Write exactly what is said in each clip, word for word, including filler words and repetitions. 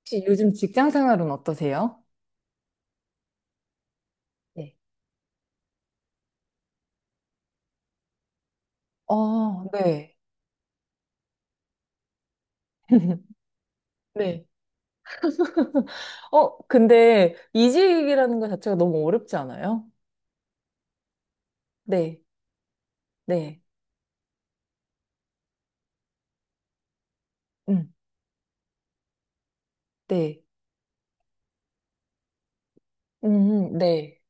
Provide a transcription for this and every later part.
혹시 요즘 직장 생활은 어떠세요? 네. 어, 네. 네. 어, 근데 이직이라는 것 자체가 너무 어렵지 않아요? 네. 네. 음, 네. 음, 네.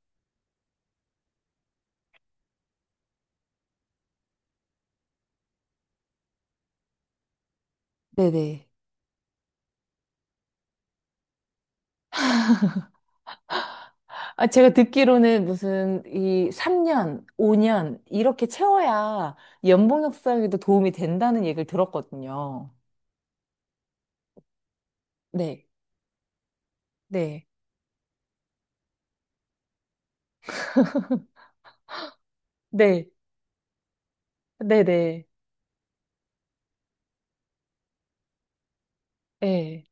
네네. 아, 제가 듣기로는 무슨 이 삼 년, 오 년 이렇게 채워야 연봉 협상에도 도움이 된다는 얘기를 들었거든요. 네. 네. 네. 네네. 네.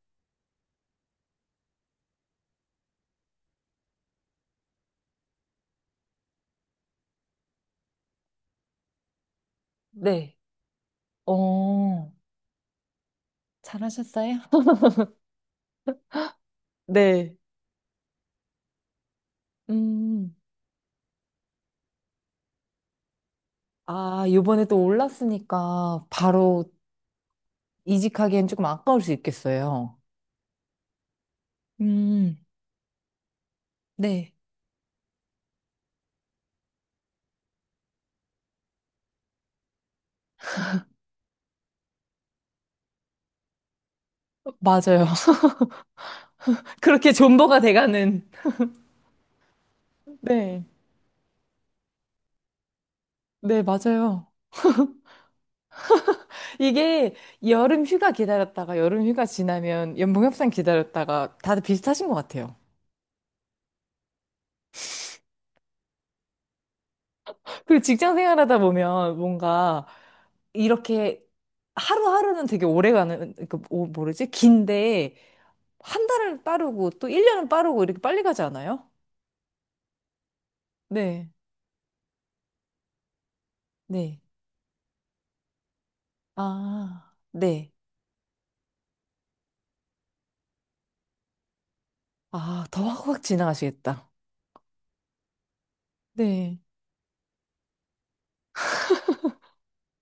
네. 어, 잘하셨어요? 네. 음. 아, 요번에 또 올랐으니까 바로 이직하기엔 조금 아까울 수 있겠어요. 음, 네. 맞아요. 그렇게 존버가 돼가는. 네. 네, 맞아요. 이게 여름 휴가 기다렸다가 여름 휴가 지나면 연봉 협상 기다렸다가 다들 비슷하신 것 같아요. 그리고 직장 생활하다 보면 뭔가 이렇게 하루하루는 되게 오래 가는, 그, 뭐- 뭐지? 긴데 한 달은 빠르고 또 일 년은 빠르고 이렇게 빨리 가지 않아요? 네. 네. 아, 네. 아, 더 확확 지나가시겠다. 네.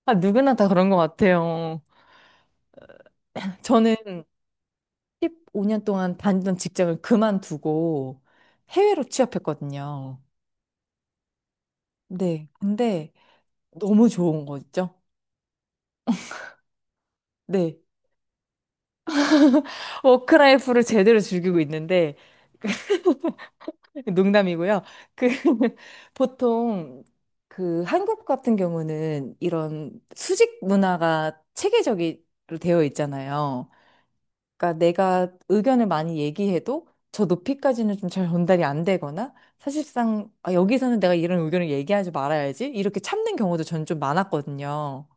아, 누구나 다 그런 것 같아요. 저는 십오 년 동안 다니던 직장을 그만두고 해외로 취업했거든요. 네. 근데 너무 좋은 거 있죠? 네. 워크라이프를 제대로 즐기고 있는데, 농담이고요. 그, 보통, 그, 한국 같은 경우는 이런 수직 문화가 체계적으로 되어 있잖아요. 그러니까 내가 의견을 많이 얘기해도 저 높이까지는 좀 잘 전달이 안 되거나 사실상 아, 여기서는 내가 이런 의견을 얘기하지 말아야지 이렇게 참는 경우도 전 좀 많았거든요.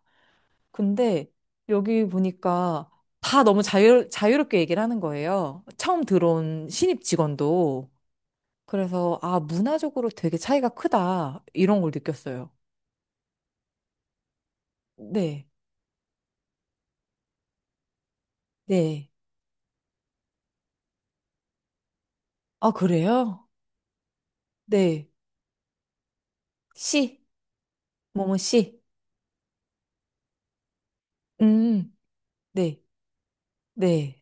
근데 여기 보니까 다 너무 자유, 자유롭게 얘기를 하는 거예요. 처음 들어온 신입 직원도. 그래서 아, 문화적으로 되게 차이가 크다. 이런 걸 느꼈어요. 네. 네. 아, 그래요? 네. 씨. 뭐뭐 씨. 음. 네. 네.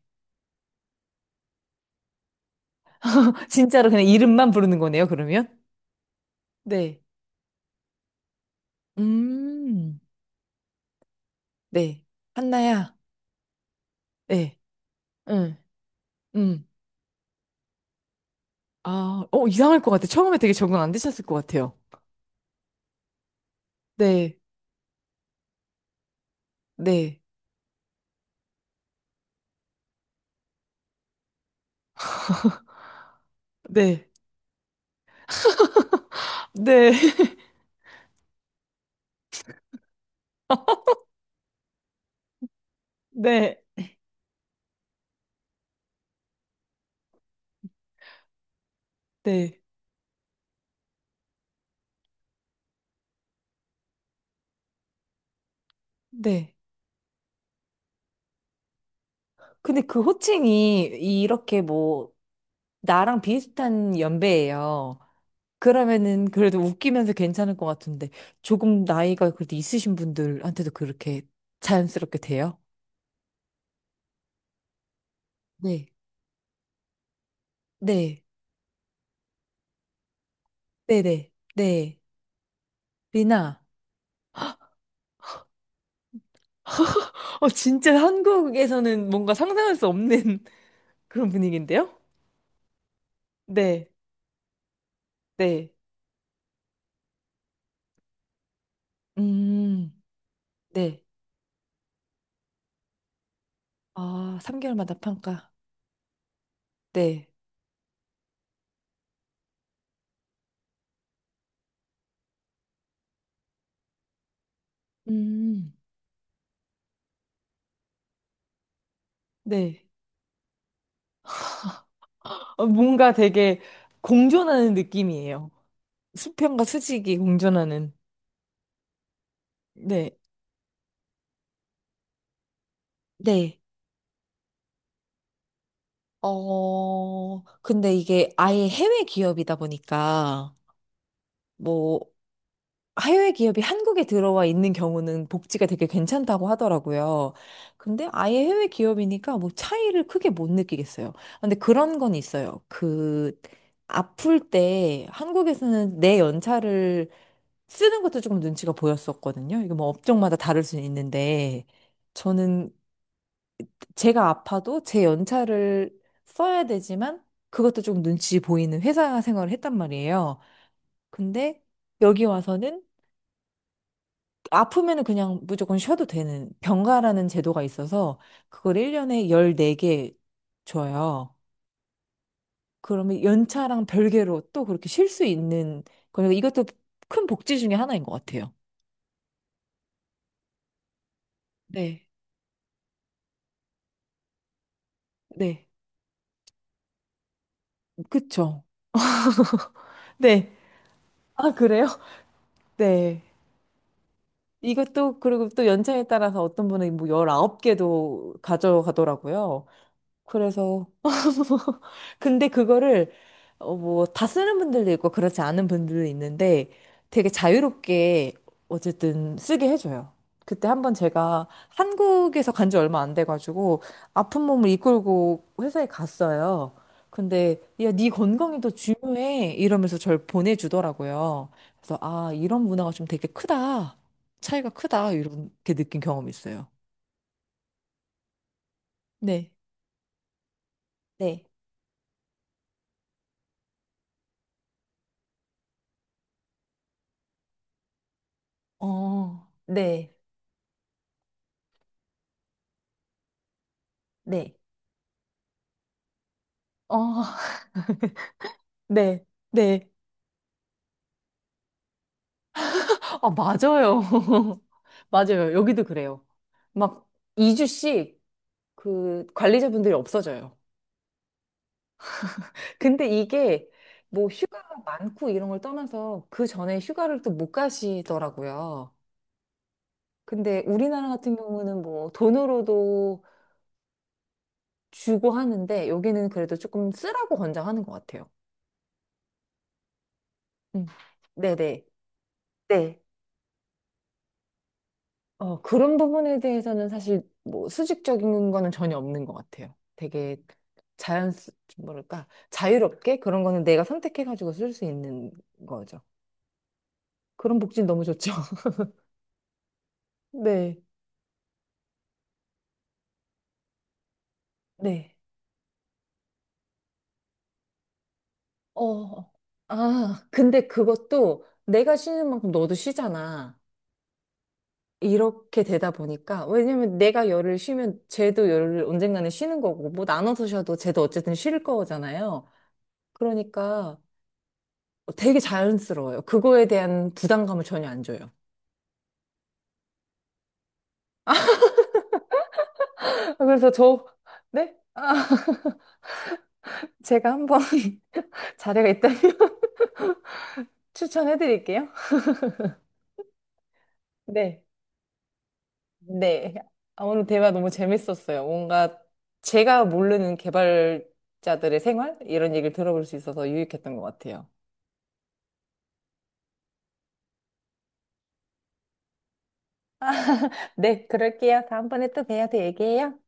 진짜로 그냥 이름만 부르는 거네요, 그러면? 네. 음, 네. 한나야. 네. 응, 응. 아, 어, 이상할 것 같아. 처음에 되게 적응 안 되셨을 것 같아요. 네, 네, 네, 네, 네, 네, 네. 근데 그 호칭이 이렇게 뭐, 나랑 비슷한 연배예요. 그러면은 그래도 웃기면서 괜찮을 것 같은데, 조금 나이가 그래도 있으신 분들한테도 그렇게 자연스럽게 돼요? 네, 네. 네네. 네. 리나. 어, 진짜 한국에서는 뭔가 상상할 수 없는 그런 분위기인데요? 네. 네. 음. 네. 아, 삼 개월마다 평가. 네. 음. 네. 어, 뭔가 되게 공존하는 느낌이에요. 수평과 수직이 공존하는. 네. 네. 어, 근데 이게 아예 해외 기업이다 보니까, 뭐, 해외 기업이 한국에 들어와 있는 경우는 복지가 되게 괜찮다고 하더라고요. 근데 아예 해외 기업이니까 뭐 차이를 크게 못 느끼겠어요. 근데 그런 건 있어요. 그, 아플 때 한국에서는 내 연차를 쓰는 것도 조금 눈치가 보였었거든요. 이게 뭐 업종마다 다를 수 있는데, 저는 제가 아파도 제 연차를 써야 되지만, 그것도 좀 눈치 보이는 회사 생활을 했단 말이에요. 근데 여기 와서는 아프면은 그냥 무조건 쉬어도 되는 병가라는 제도가 있어서 그걸 일 년에 열네 개 줘요. 그러면 연차랑 별개로 또 그렇게 쉴 수 있는 거니까 이것도 큰 복지 중에 하나인 것 같아요. 네. 네. 그쵸. 네. 아, 그래요? 네. 이것도 그리고 또 연차에 따라서 어떤 분은 뭐 열아홉 개도 가져가더라고요. 그래서 근데 그거를 어 뭐 다 쓰는 분들도 있고 그렇지 않은 분들도 있는데 되게 자유롭게 어쨌든 쓰게 해줘요. 그때 한번 제가 한국에서 간지 얼마 안 돼가지고 아픈 몸을 이끌고 회사에 갔어요. 근데 야, 네 건강이 더 중요해 이러면서 저를 보내주더라고요. 그래서 아 이런 문화가 좀 되게 크다 차이가 크다 이렇게 느낀 경험이 있어요. 네. 네. 어, 네. 네. 어, 네, 네. 아, 맞아요. 맞아요. 여기도 그래요. 막 이 주씩 그 관리자분들이 없어져요. 근데 이게 뭐 휴가가 많고 이런 걸 떠나서 그 전에 휴가를 또 못 가시더라고요. 근데 우리나라 같은 경우는 뭐 돈으로도 주고 하는데 여기는 그래도 조금 쓰라고 권장하는 것 같아요. 음. 네네. 네. 네. 어, 그런 부분에 대해서는 사실 뭐 수직적인 거는 전혀 없는 것 같아요. 되게 자연, 뭐랄까, 자유롭게 그런 거는 내가 선택해가지고 쓸 수 있는 거죠. 그런 복지는 너무 좋죠. 네, 네. 어, 아, 근데 그것도 내가 쉬는 만큼 너도 쉬잖아. 이렇게 되다 보니까, 왜냐면 내가 열을 쉬면 쟤도 열을 언젠가는 쉬는 거고, 뭐 나눠서 쉬어도 쟤도 어쨌든 쉴 거잖아요. 그러니까 되게 자연스러워요. 그거에 대한 부담감을 전혀 안 줘요. 그래서 저, 네? 아, 제가 한번 자리가 있다면 추천해 드릴게요. 네. 네. 아, 오늘 대화 너무 재밌었어요. 뭔가 제가 모르는 개발자들의 생활? 이런 얘기를 들어볼 수 있어서 유익했던 것 같아요. 네, 그럴게요. 다음번에 또 뵈요. 또 얘기해요.